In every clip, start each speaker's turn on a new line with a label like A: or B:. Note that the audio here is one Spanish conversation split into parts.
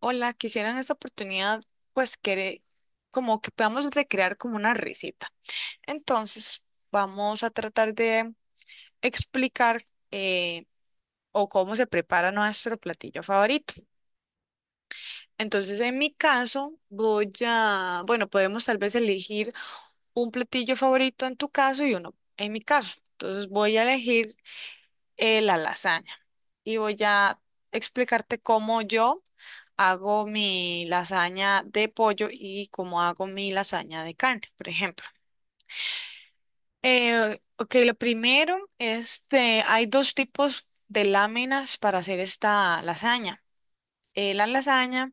A: Hola, quisiera en esta oportunidad, pues, como que podamos recrear como una receta. Entonces, vamos a tratar de explicar eh, o cómo se prepara nuestro platillo favorito. Entonces, en mi caso, bueno, podemos tal vez elegir un platillo favorito en tu caso y uno en mi caso. Entonces, voy a elegir la lasaña y voy a explicarte cómo yo hago mi lasaña de pollo y cómo hago mi lasaña de carne, por ejemplo. Ok, lo primero, hay dos tipos de láminas para hacer esta lasaña. La lasaña,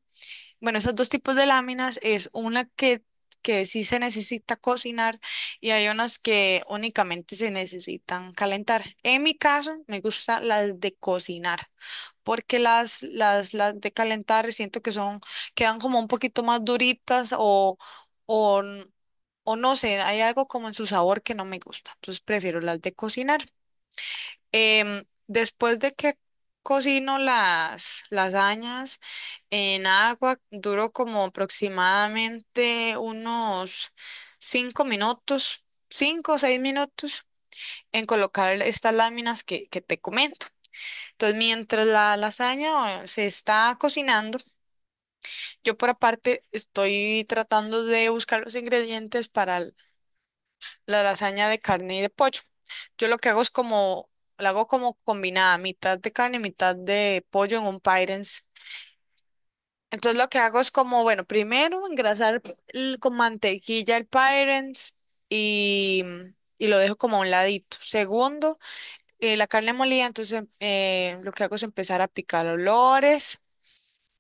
A: bueno, esos dos tipos de láminas es una que sí se necesita cocinar y hay unas que únicamente se necesitan calentar. En mi caso, me gusta las de cocinar porque las de calentar siento que son, quedan como un poquito más duritas o, n- o no sé, hay algo como en su sabor que no me gusta, entonces prefiero las de cocinar. Después de que cocino las lasañas en agua, duro como aproximadamente unos 5 minutos, 5 o 6 minutos en colocar estas láminas que te comento. Entonces, mientras la lasaña se está cocinando, yo por aparte estoy tratando de buscar los ingredientes para la lasaña de carne y de pollo. Yo lo que hago es como, la hago como combinada, mitad de carne y mitad de pollo en un pyrex. Entonces lo que hago es como, bueno, primero engrasar con mantequilla el pyrex y lo dejo como a un ladito. Segundo, la carne molida, entonces lo que hago es empezar a picar olores.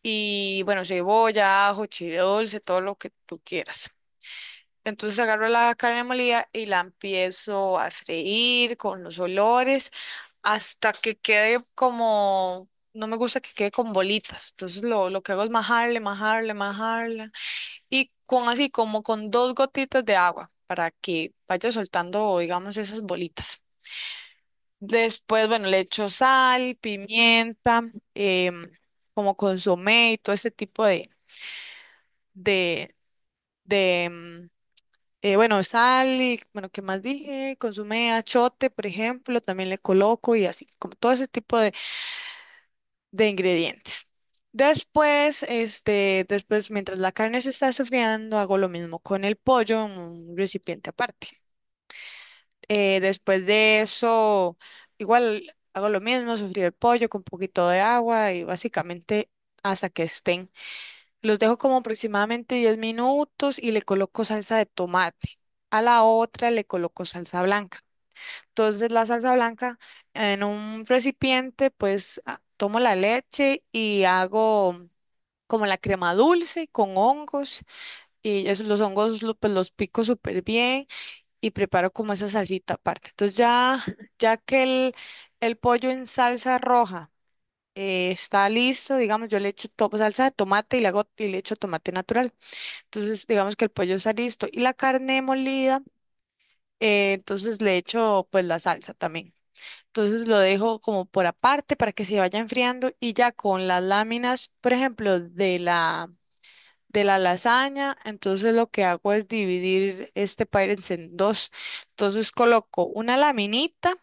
A: Y bueno, cebolla, ajo, chile dulce, todo lo que tú quieras. Entonces agarro la carne molida y la empiezo a freír con los olores hasta que quede como, no me gusta que quede con bolitas. Entonces lo que hago es majarle, majarle, majarle y con así como con dos gotitas de agua para que vaya soltando, digamos, esas bolitas. Después, bueno, le echo sal, pimienta, em, como consomé y todo ese tipo de, de, bueno, sal y, bueno, ¿qué más dije? Consume achote, por ejemplo, también le coloco y así, como todo ese tipo de ingredientes. Después, mientras la carne se está sofriendo, hago lo mismo con el pollo en un recipiente aparte. Después de eso, igual hago lo mismo, sofrí el pollo con un poquito de agua y básicamente hasta que estén. Los dejo como aproximadamente 10 minutos y le coloco salsa de tomate. A la otra le coloco salsa blanca. Entonces la salsa blanca en un recipiente, pues tomo la leche y hago como la crema dulce con hongos y esos, los hongos pues, los pico súper bien y preparo como esa salsita aparte. Entonces ya, ya que el pollo en salsa roja está listo, digamos, yo le echo salsa de tomate y le hago y le echo tomate natural. Entonces, digamos que el pollo está listo y la carne molida, entonces le echo pues la salsa también. Entonces lo dejo como por aparte para que se vaya enfriando y ya con las láminas, por ejemplo, de la lasaña, entonces lo que hago es dividir este pairense en dos. Entonces coloco una laminita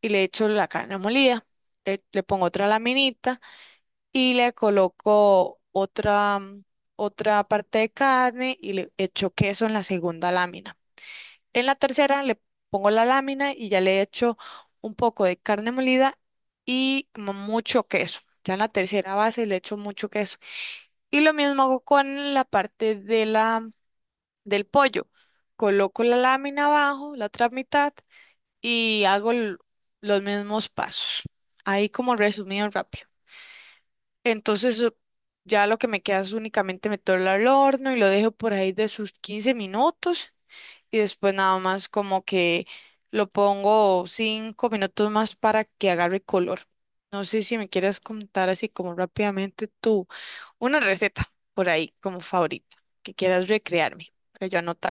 A: y le echo la carne molida. Le pongo otra laminita y le coloco otra parte de carne y le echo queso en la segunda lámina. En la tercera le pongo la lámina y ya le echo un poco de carne molida y mucho queso. Ya en la tercera base le echo mucho queso. Y lo mismo hago con la parte del pollo. Coloco la lámina abajo, la otra mitad, y hago los mismos pasos. Ahí como resumido rápido. Entonces ya lo que me queda es únicamente meterlo al horno y lo dejo por ahí de sus 15 minutos y después nada más como que lo pongo 5 minutos más para que agarre color. No sé si me quieras contar así como rápidamente tú una receta por ahí como favorita que quieras recrearme para yo anotar.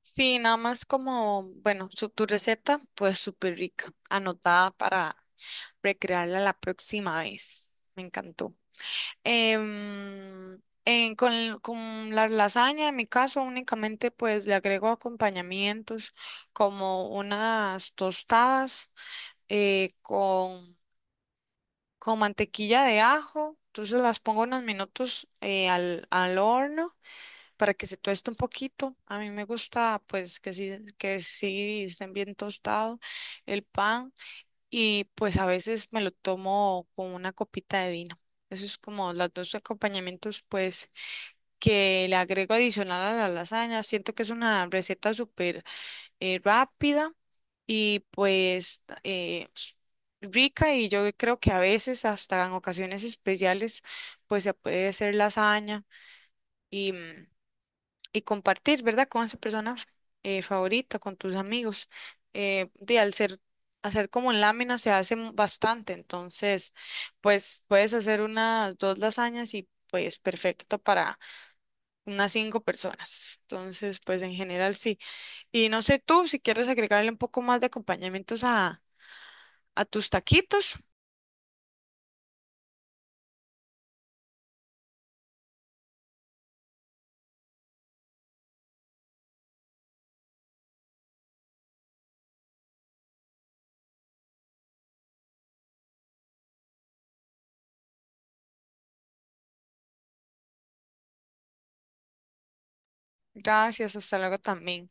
A: Sí, nada más como, bueno, tu receta pues súper rica, anotada para recrearla la próxima vez. Me encantó. Em, con la lasaña, en mi caso, únicamente pues le agrego acompañamientos como unas tostadas eh, con, con mantequilla de ajo. Entonces las pongo unos minutos al horno para que se tueste un poquito. A mí me gusta pues que sí estén bien tostado el pan y pues a veces me lo tomo con una copita de vino. Eso es como los dos acompañamientos pues que le agrego adicional a la lasaña. Siento que es una receta súper rápida y pues rica y yo creo que a veces, hasta en ocasiones especiales, pues se puede hacer lasaña y, mm, y compartir, ¿verdad? Con esa persona favorita, con tus amigos. Eh, de al ser, Hacer como en lámina se hace bastante, entonces pues puedes hacer unas dos lasañas y pues perfecto para unas cinco personas. Entonces, pues en general sí. Y no sé tú si quieres agregarle un poco más de acompañamientos a tus taquitos. Gracias, hasta luego también.